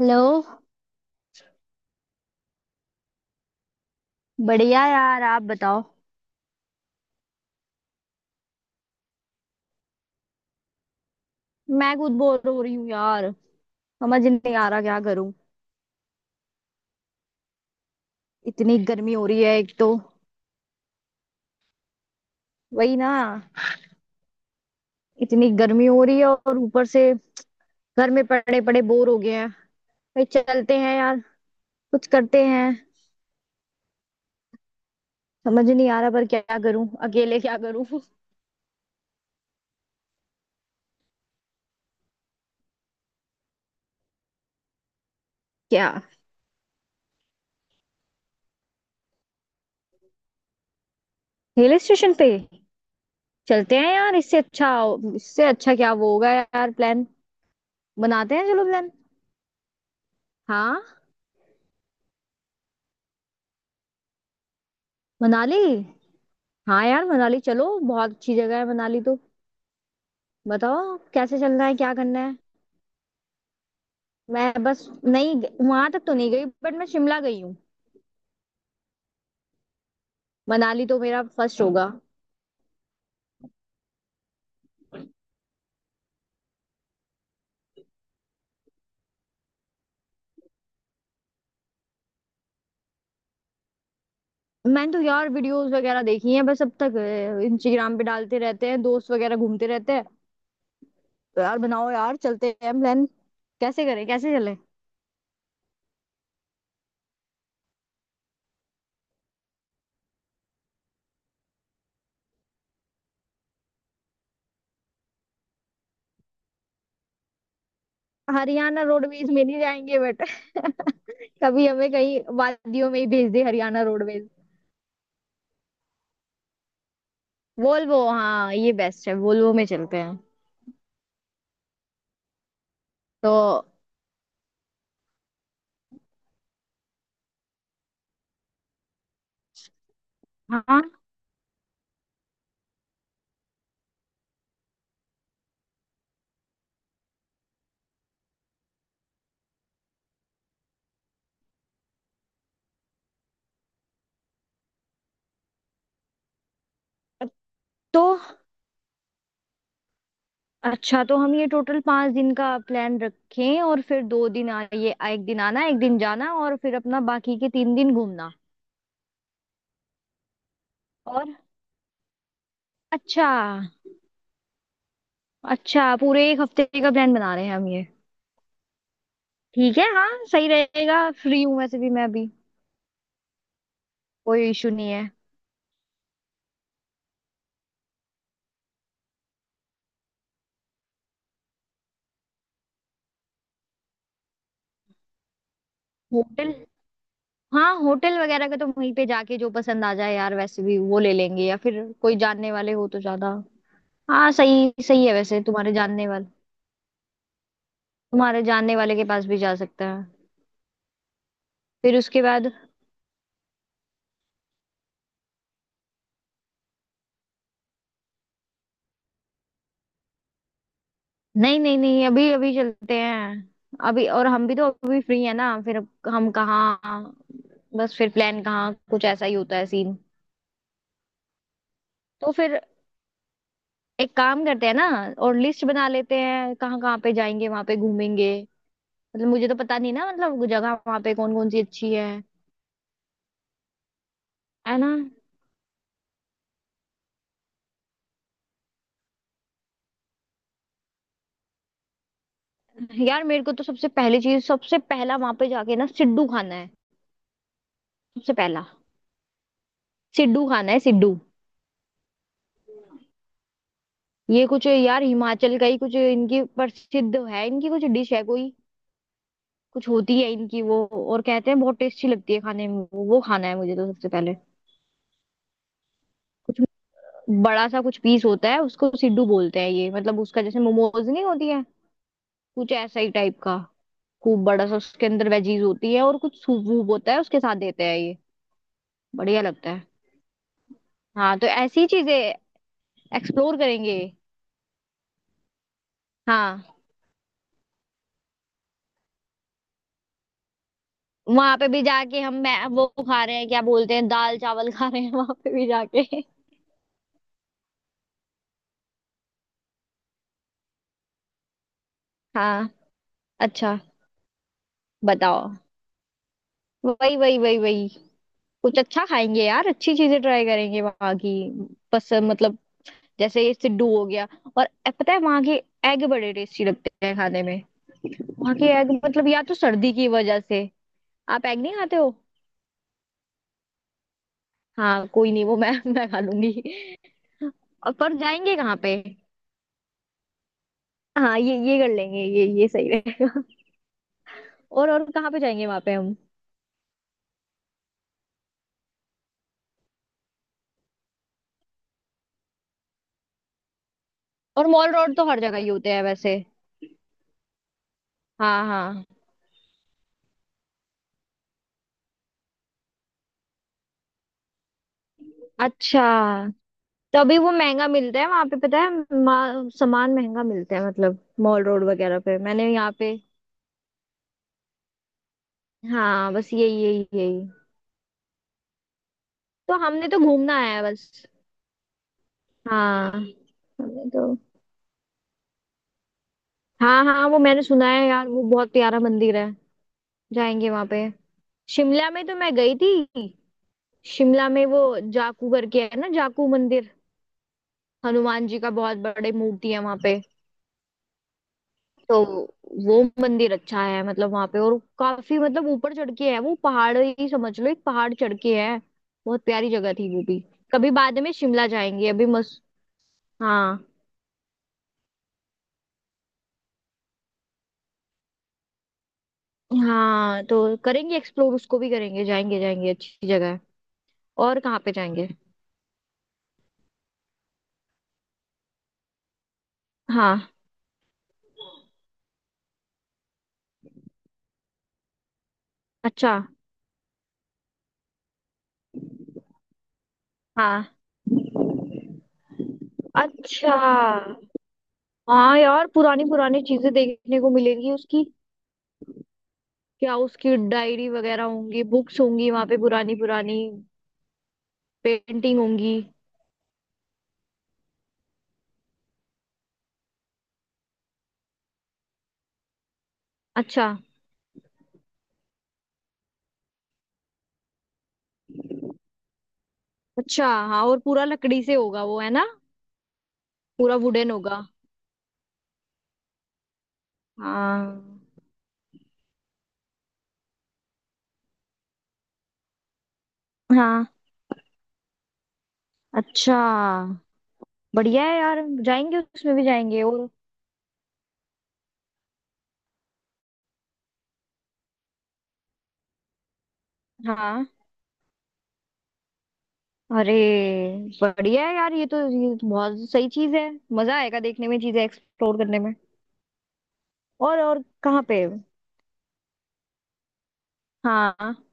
Hello. बढ़िया यार, आप बताओ। मैं खुद बोर हो रही हूँ यार, समझ नहीं आ रहा क्या करूं। इतनी गर्मी हो रही है एक तो। वही ना। इतनी गर्मी हो रही है और ऊपर से घर में पड़े पड़े बोर हो गए हैं भाई, चलते हैं यार, कुछ करते हैं। समझ नहीं आ रहा पर क्या करूं, अकेले क्या करूं क्या? हिल स्टेशन पे? चलते हैं यार, इससे अच्छा, इससे अच्छा क्या वो होगा यार प्लान। बनाते हैं चलो प्लान। हाँ। मनाली? हाँ यार, मनाली चलो, बहुत अच्छी जगह है मनाली तो। बताओ कैसे चलना है, क्या करना है। मैं बस नहीं, वहां तक तो नहीं गई बट मैं शिमला गई हूँ। मनाली तो मेरा फर्स्ट होगा। मैंने तो यार वीडियोस वगैरह देखी हैं बस अब तक, इंस्टाग्राम पे डालते रहते हैं दोस्त वगैरह, घूमते रहते हैं। तो यार बनाओ यार चलते हैं प्लान, कैसे करें कैसे चले। हरियाणा रोडवेज में नहीं जाएंगे बट कभी हमें कहीं वादियों में ही भेज दे हरियाणा रोडवेज। वोल्वो, हाँ ये बेस्ट है, वोल्वो में चलते हैं। तो, हाँ तो अच्छा, तो हम ये टोटल 5 दिन का प्लान रखें और फिर 2 दिन एक दिन आना, एक दिन जाना, और फिर अपना बाकी के 3 दिन घूमना। और? अच्छा। अच्छा पूरे एक हफ्ते का प्लान बना रहे हैं हम ये। ठीक है, हाँ सही रहेगा, फ्री हूँ वैसे भी मैं अभी। कोई इशू नहीं है। होटल। हाँ, होटल वगैरह का तो वहीं पे जाके जो पसंद आ जाए यार वैसे भी वो ले लेंगे, या फिर कोई जानने वाले हो तो ज्यादा। हाँ, सही सही है वैसे तुम्हारे जानने वाले। तुम्हारे जानने वाले के पास भी जा सकते हैं। फिर उसके बाद। नहीं नहीं नहीं, अभी अभी चलते हैं, अभी, और हम भी तो अभी फ्री है ना फिर। हम कहाँ? बस फिर प्लान कहाँ, कुछ ऐसा ही होता है सीन। तो फिर एक काम करते हैं ना, और लिस्ट बना लेते हैं कहाँ कहाँ पे जाएंगे वहां पे, घूमेंगे। मतलब मुझे तो पता नहीं ना, मतलब वो जगह वहां पे कौन कौन सी अच्छी है। है ना। यार मेरे को तो सबसे पहली चीज, सबसे पहला वहां पे जाके ना सिड्डू खाना है। सबसे पहला सिड्डू खाना है सिड्डू। ये कुछ यार हिमाचल का ही कुछ, इनकी प्रसिद्ध है, इनकी कुछ डिश है कोई, कुछ होती है इनकी वो। और कहते हैं बहुत टेस्टी लगती है खाने में, वो खाना है मुझे तो सबसे पहले। कुछ बड़ा सा कुछ पीस होता है, उसको सिड्डू बोलते हैं ये, मतलब उसका जैसे मोमोज नहीं होती है, कुछ ऐसा ही टाइप का। खूब बड़ा सा, उसके अंदर वेजीज होती है और कुछ सूप वूप होता है उसके साथ देते हैं ये। बढ़िया लगता है। हाँ तो ऐसी चीजें एक्सप्लोर करेंगे। हाँ, वहां पे भी जाके हम, मैं वो खा रहे हैं क्या, बोलते हैं दाल चावल खा रहे हैं वहां पे भी जाके। हाँ। अच्छा। बताओ। वही वही वही वही, कुछ अच्छा खाएंगे यार, अच्छी चीजें ट्राई करेंगे वहां की। बस मतलब, जैसे सिड्डू हो गया। और पता है वहां के एग बड़े टेस्टी लगते हैं खाने में। वहां के एग मतलब, या तो सर्दी की वजह से। आप एग नहीं खाते हो? हाँ कोई नहीं, वो मैं मैं खा लूंगी। और पर जाएंगे कहाँ पे? हाँ ये कर लेंगे, ये सही रहेगा। और कहाँ पे जाएंगे वहां पे हम? और मॉल रोड तो हर जगह ही होते हैं वैसे। हाँ हाँ। अच्छा, तभी वो महंगा मिलता है वहां पे, पता है। सामान महंगा मिलता है मतलब, मॉल रोड वगैरह पे मैंने यहाँ पे। हाँ बस यही यही यही। तो हमने तो घूमना आया है बस। हाँ हमने तो, हाँ हाँ वो मैंने सुना है यार, वो बहुत प्यारा मंदिर है। जाएंगे वहां पे। शिमला में तो मैं गई थी। शिमला में वो जाकू करके है ना, जाकू मंदिर। हनुमान जी का बहुत बड़े मूर्ति है वहां पे। तो वो मंदिर अच्छा है मतलब वहां पे, और काफी मतलब ऊपर चढ़ के है, वो पहाड़ ही समझ लो, एक पहाड़ चढ़ के है। बहुत प्यारी जगह थी वो भी। कभी बाद में शिमला जाएंगे, अभी मस्त। हाँ। हाँ तो करेंगे एक्सप्लोर, उसको भी करेंगे, जाएंगे जाएंगे, अच्छी जगह है। और कहाँ पे जाएंगे? हाँ। अच्छा। हाँ। अच्छा। हाँ यार, पुरानी पुरानी चीजें देखने को मिलेंगी उसकी, क्या उसकी डायरी वगैरह होंगी, बुक्स होंगी वहां पे, पुरानी पुरानी पेंटिंग होंगी। अच्छा अच्छा। हाँ, और पूरा लकड़ी से होगा वो, है ना? पूरा वुडन होगा। हाँ। हाँ। अच्छा। बढ़िया है यार, जाएंगे उसमें भी जाएंगे, और? हाँ। अरे, बढ़िया है यार, ये तो, ये तो बहुत सही चीज है, मजा आएगा देखने में चीजें, एक्सप्लोर करने में। और कहाँ पे? हाँ।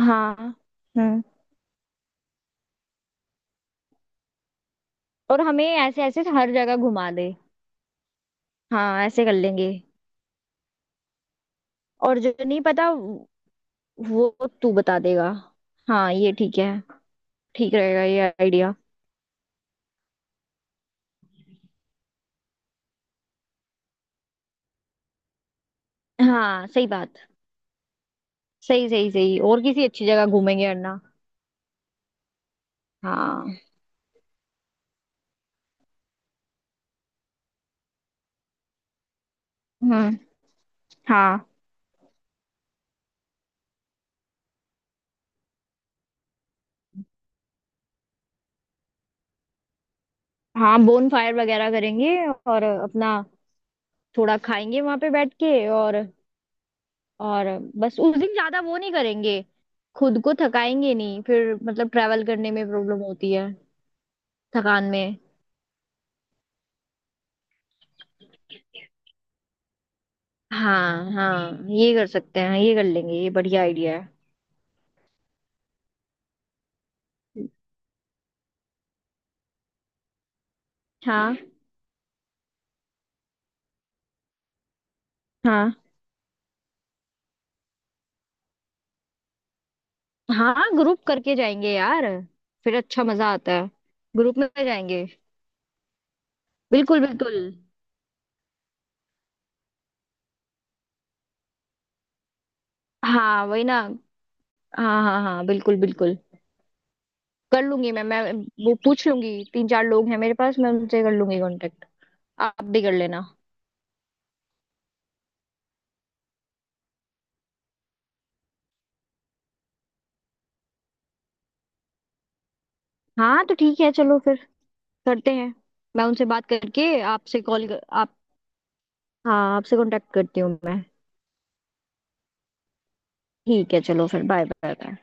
हाँ। हम्म। और हमें ऐसे ऐसे हर जगह घुमा दे। हाँ ऐसे कर लेंगे, और जो नहीं पता, वो तू बता देगा। हाँ ये ठीक है, ठीक रहेगा ये आइडिया। हाँ सही बात, सही सही सही, और किसी अच्छी जगह घूमेंगे वरना। हाँ। हम्म। हाँ। हाँ बोन फायर वगैरह करेंगे और अपना थोड़ा खाएंगे वहां पे बैठ के, और बस, उस दिन ज्यादा वो नहीं करेंगे, खुद को थकाएंगे नहीं फिर, मतलब ट्रैवल करने में प्रॉब्लम होती है थकान में। हाँ हाँ, ये कर सकते हैं, ये कर लेंगे, ये बढ़िया आइडिया है। हाँ। हाँ हाँ, ग्रुप करके जाएंगे यार, फिर अच्छा मजा आता है, ग्रुप में जाएंगे। बिल्कुल बिल्कुल। हाँ वही ना। हाँ हाँ हाँ बिल्कुल बिल्कुल। कर लूंगी मैं वो पूछ लूंगी, तीन चार लोग हैं मेरे पास, मैं उनसे कर लूंगी कांटेक्ट। आप भी कर लेना। हाँ तो ठीक है चलो फिर, करते हैं। मैं उनसे बात करके आपसे आप, हाँ आपसे कांटेक्ट करती हूँ मैं। ठीक है चलो फिर, बाय बाय बाय।